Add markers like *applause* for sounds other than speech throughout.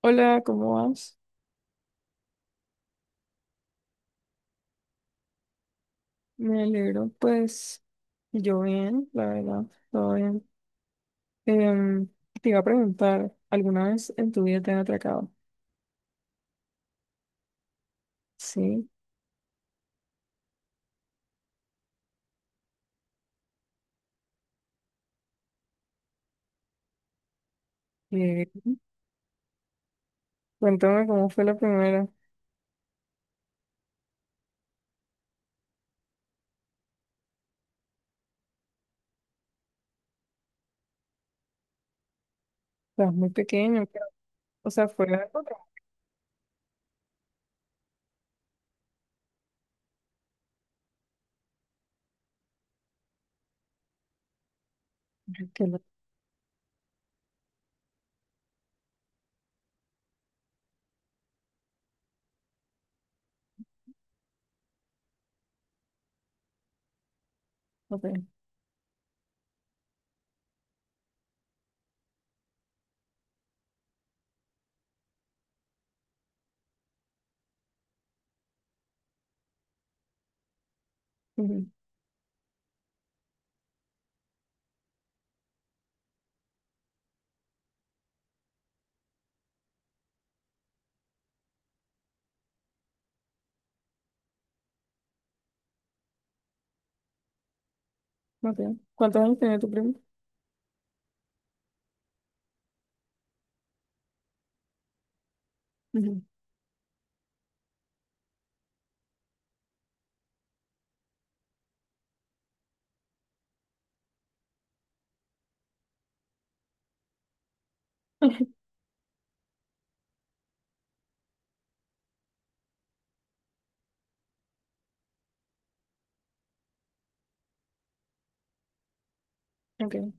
Hola, ¿cómo vas? Me alegro, pues yo bien, la verdad, todo bien. Em, Te iba a preguntar, ¿alguna vez en tu vida te han atracado? Sí. eh, Cuéntame cómo fue la primera. Estabas muy pequeño, creo. O sea, fue algo tra- que no- ok, ujú, ok. ¿Cuántos años tenía tu primo? Ujú. *laughs* Ok.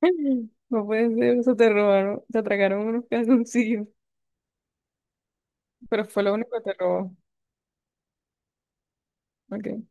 *laughs* No puede ser, o sea, te robaron, te atracaron unos calzoncillos, pero fue lo único que te robó. Ok.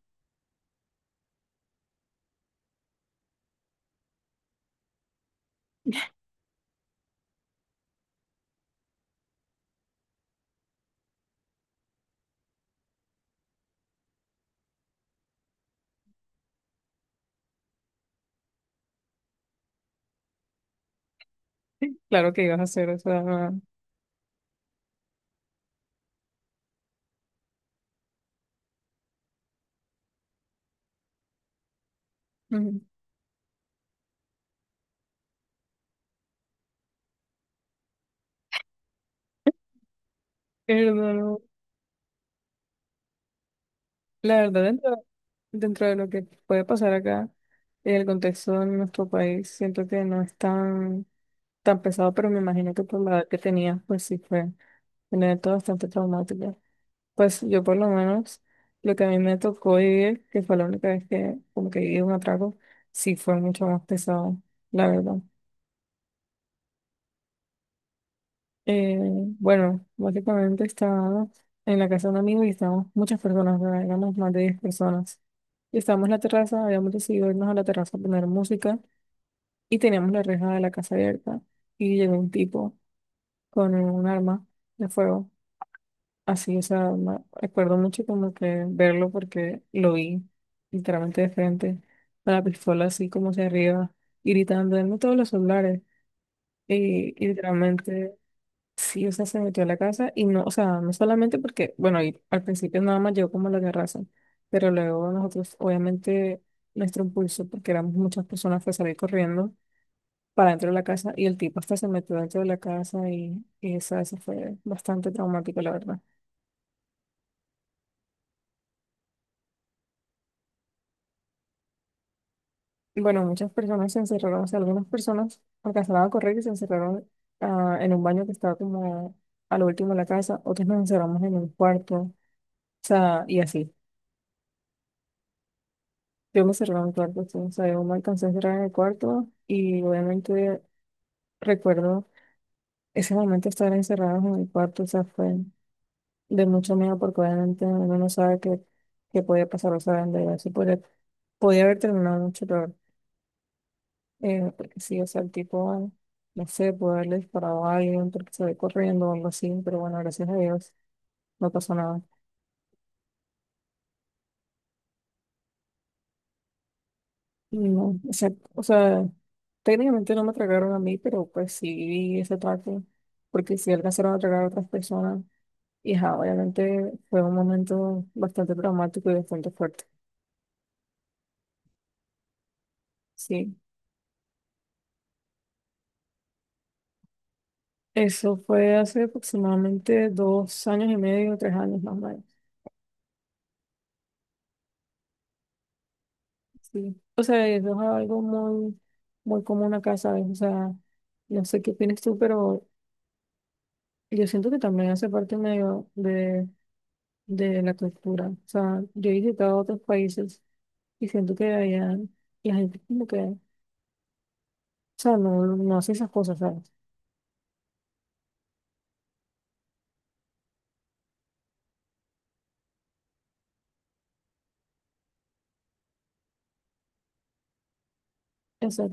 Claro que ibas a hacer, o sea, ujú. Hermano, la verdad, dentro de lo que puede pasar acá, en el contexto de nuestro país, siento que no es tan, tan pesado, pero me imagino que por la edad que tenía, pues sí fue un evento bastante traumático. Pues yo por lo menos, lo que a mí me tocó vivir, que fue la única vez que como que viví un atraco, sí fue mucho más pesado, la verdad. Eh, bueno, básicamente estaba en la casa de un amigo y estábamos muchas personas, ¿verdad? Éramos más de 10 personas. Y estábamos en la terraza, habíamos decidido irnos a la terraza a poner música y teníamos la reja de la casa abierta. Y llegó un tipo con un arma de fuego. Así, o sea, me acuerdo mucho como que verlo porque lo vi literalmente de frente, con la pistola así como hacia arriba, y gritando, denme todos los celulares. Y literalmente sí, o sea, se metió a la casa y no, o sea, no solamente porque, bueno, y al principio nada más llegó como la terraza, pero luego nosotros, obviamente, nuestro impulso, porque éramos muchas personas, fue salir corriendo para dentro de la casa y el tipo hasta se metió dentro de la casa y esa, eso fue bastante traumático, la verdad. Y bueno, muchas personas se encerraron, o sea, algunas personas alcanzaron a correr y se encerraron en un baño que estaba como a lo último de la casa, otros nos encerramos en un cuarto, o sea, y así. Yo me cerraba en cuarto, sí, o sea, yo me alcancé a cerrar en el cuarto y obviamente recuerdo ese momento de estar encerrados en el cuarto, o sea, fue de mucho miedo porque obviamente uno no sabe qué, qué podía pasar, o sea, en verdad, sí podía, podía haber terminado mucho peor, porque sí, o sea, el tipo, no sé, puede haberle disparado a alguien porque se ve corriendo o algo así, pero bueno, gracias a Dios no pasó nada. No, o sea, técnicamente no me atracaron a mí, pero pues sí vi ese ataque, porque sí alcanzaron a atracar a otras personas. Y ajá, obviamente fue un momento bastante traumático y bastante fuerte. Sí, eso fue hace aproximadamente dos años y medio, tres años más o menos. Sí, o sea, eso es algo muy, muy común acá, ¿sabes? O sea, no sé qué opinas tú, pero yo siento que también hace parte medio de la cultura. O sea, yo he visitado otros países. Y siento que debería, la gente como que, o sea, no, no hace esas cosas, ¿sabes? O sea,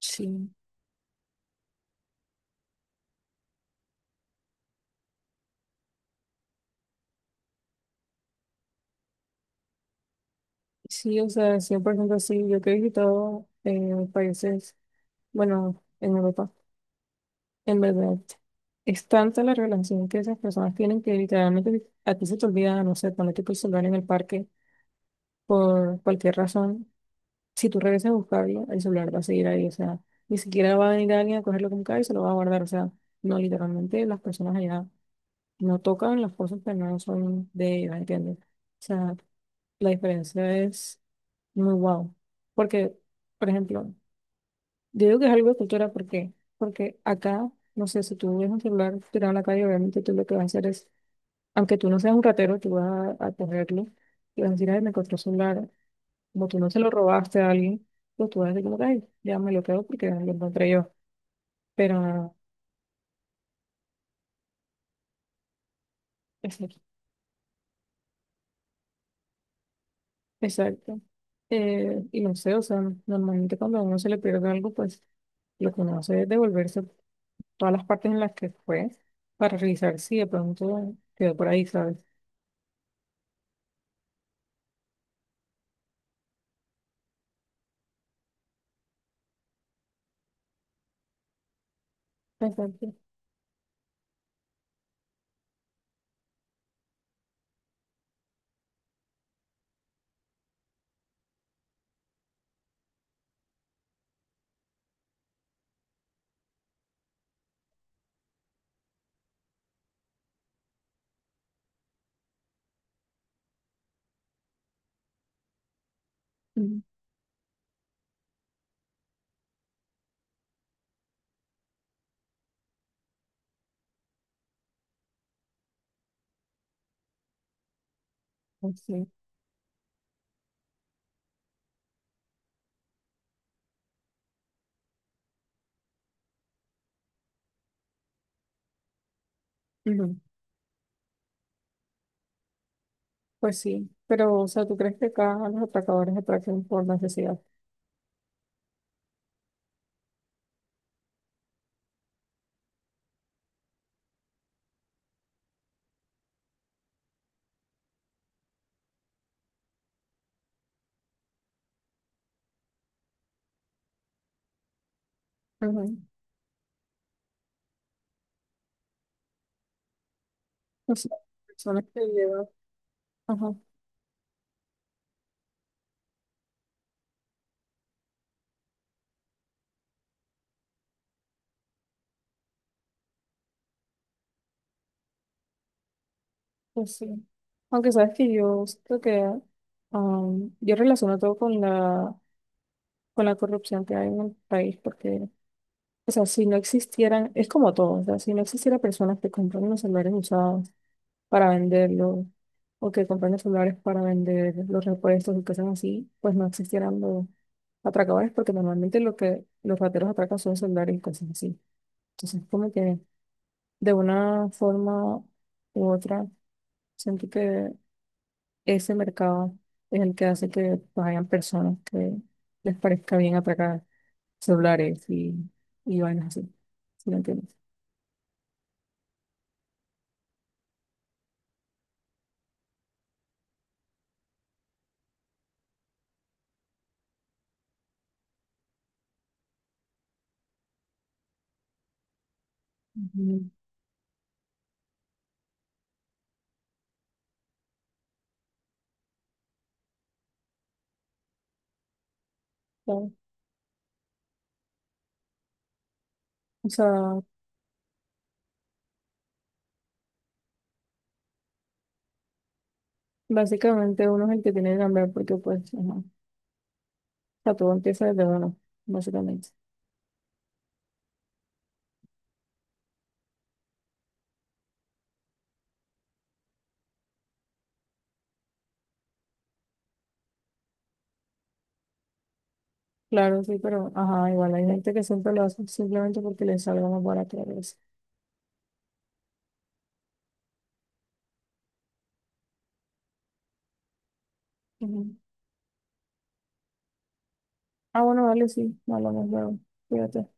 sí, sí, o sea, 100% sí. Yo que he visitado países, bueno, en Europa, en verdad, es tanta la relación que esas personas tienen que literalmente a ti se te olvida, no sé, ponerte tu celular en el parque por cualquier razón. Si tú regresas a buscarlo, el celular va a seguir ahí, o sea, ni siquiera va a venir alguien a cogerlo como cae y se lo va a guardar, o sea, no, literalmente las personas allá no tocan las cosas que no son de ellos, ¿entiendes? O sea, la diferencia es muy wow. Porque, por ejemplo, yo digo que es algo de cultura, ¿por qué? Porque acá, no sé, si tú ves un celular tirado en la calle, obviamente tú lo que vas a hacer es, aunque tú no seas un ratero, tú vas a cogerlo y vas a decir, ay, me encontré un celular. Como tú no se lo robaste a alguien, pues tú vas a decir, como que, ay, ya me lo quedo porque lo encontré yo. Pero, exacto. Exacto. Y no sé, o sea, normalmente cuando a uno se le pierde algo, pues lo que uno hace es devolverse todas las partes en las que fue para revisar si de pronto quedó por ahí, ¿sabes? Exacto. Ujú. Pues sí. Ujú. Pues sí. Pero, o sea, ¿tú crees que acá a los atracadores atracan por necesidad? Ujú. O sea, personas que llevan. Ajá, pues sí. Aunque sabes que yo creo que yo relaciono todo con la corrupción que hay en el país, porque, o sea, si no existieran, es como todo, o sea, si no existiera personas que compran unos celulares usados para venderlo o que compran celulares para vender los repuestos y cosas así, pues no existieran los atracadores porque normalmente lo que los rateros atracan son celulares y cosas así. Entonces, como que de una forma u otra, siento que ese mercado es el que hace que pues, hayan personas que les parezca bien atracar celulares y vainas así, si me entiendes. Ujú. Claro. O sea, básicamente uno es el que tiene que cambiar porque pues, ajá, sea, todo empieza desde uno, básicamente. Claro, sí, pero ajá, igual hay gente que siempre lo hace simplemente porque le salga más barato la cabeza. Ujú. Ah, bueno, vale, sí, no hablamos luego. Cuídate.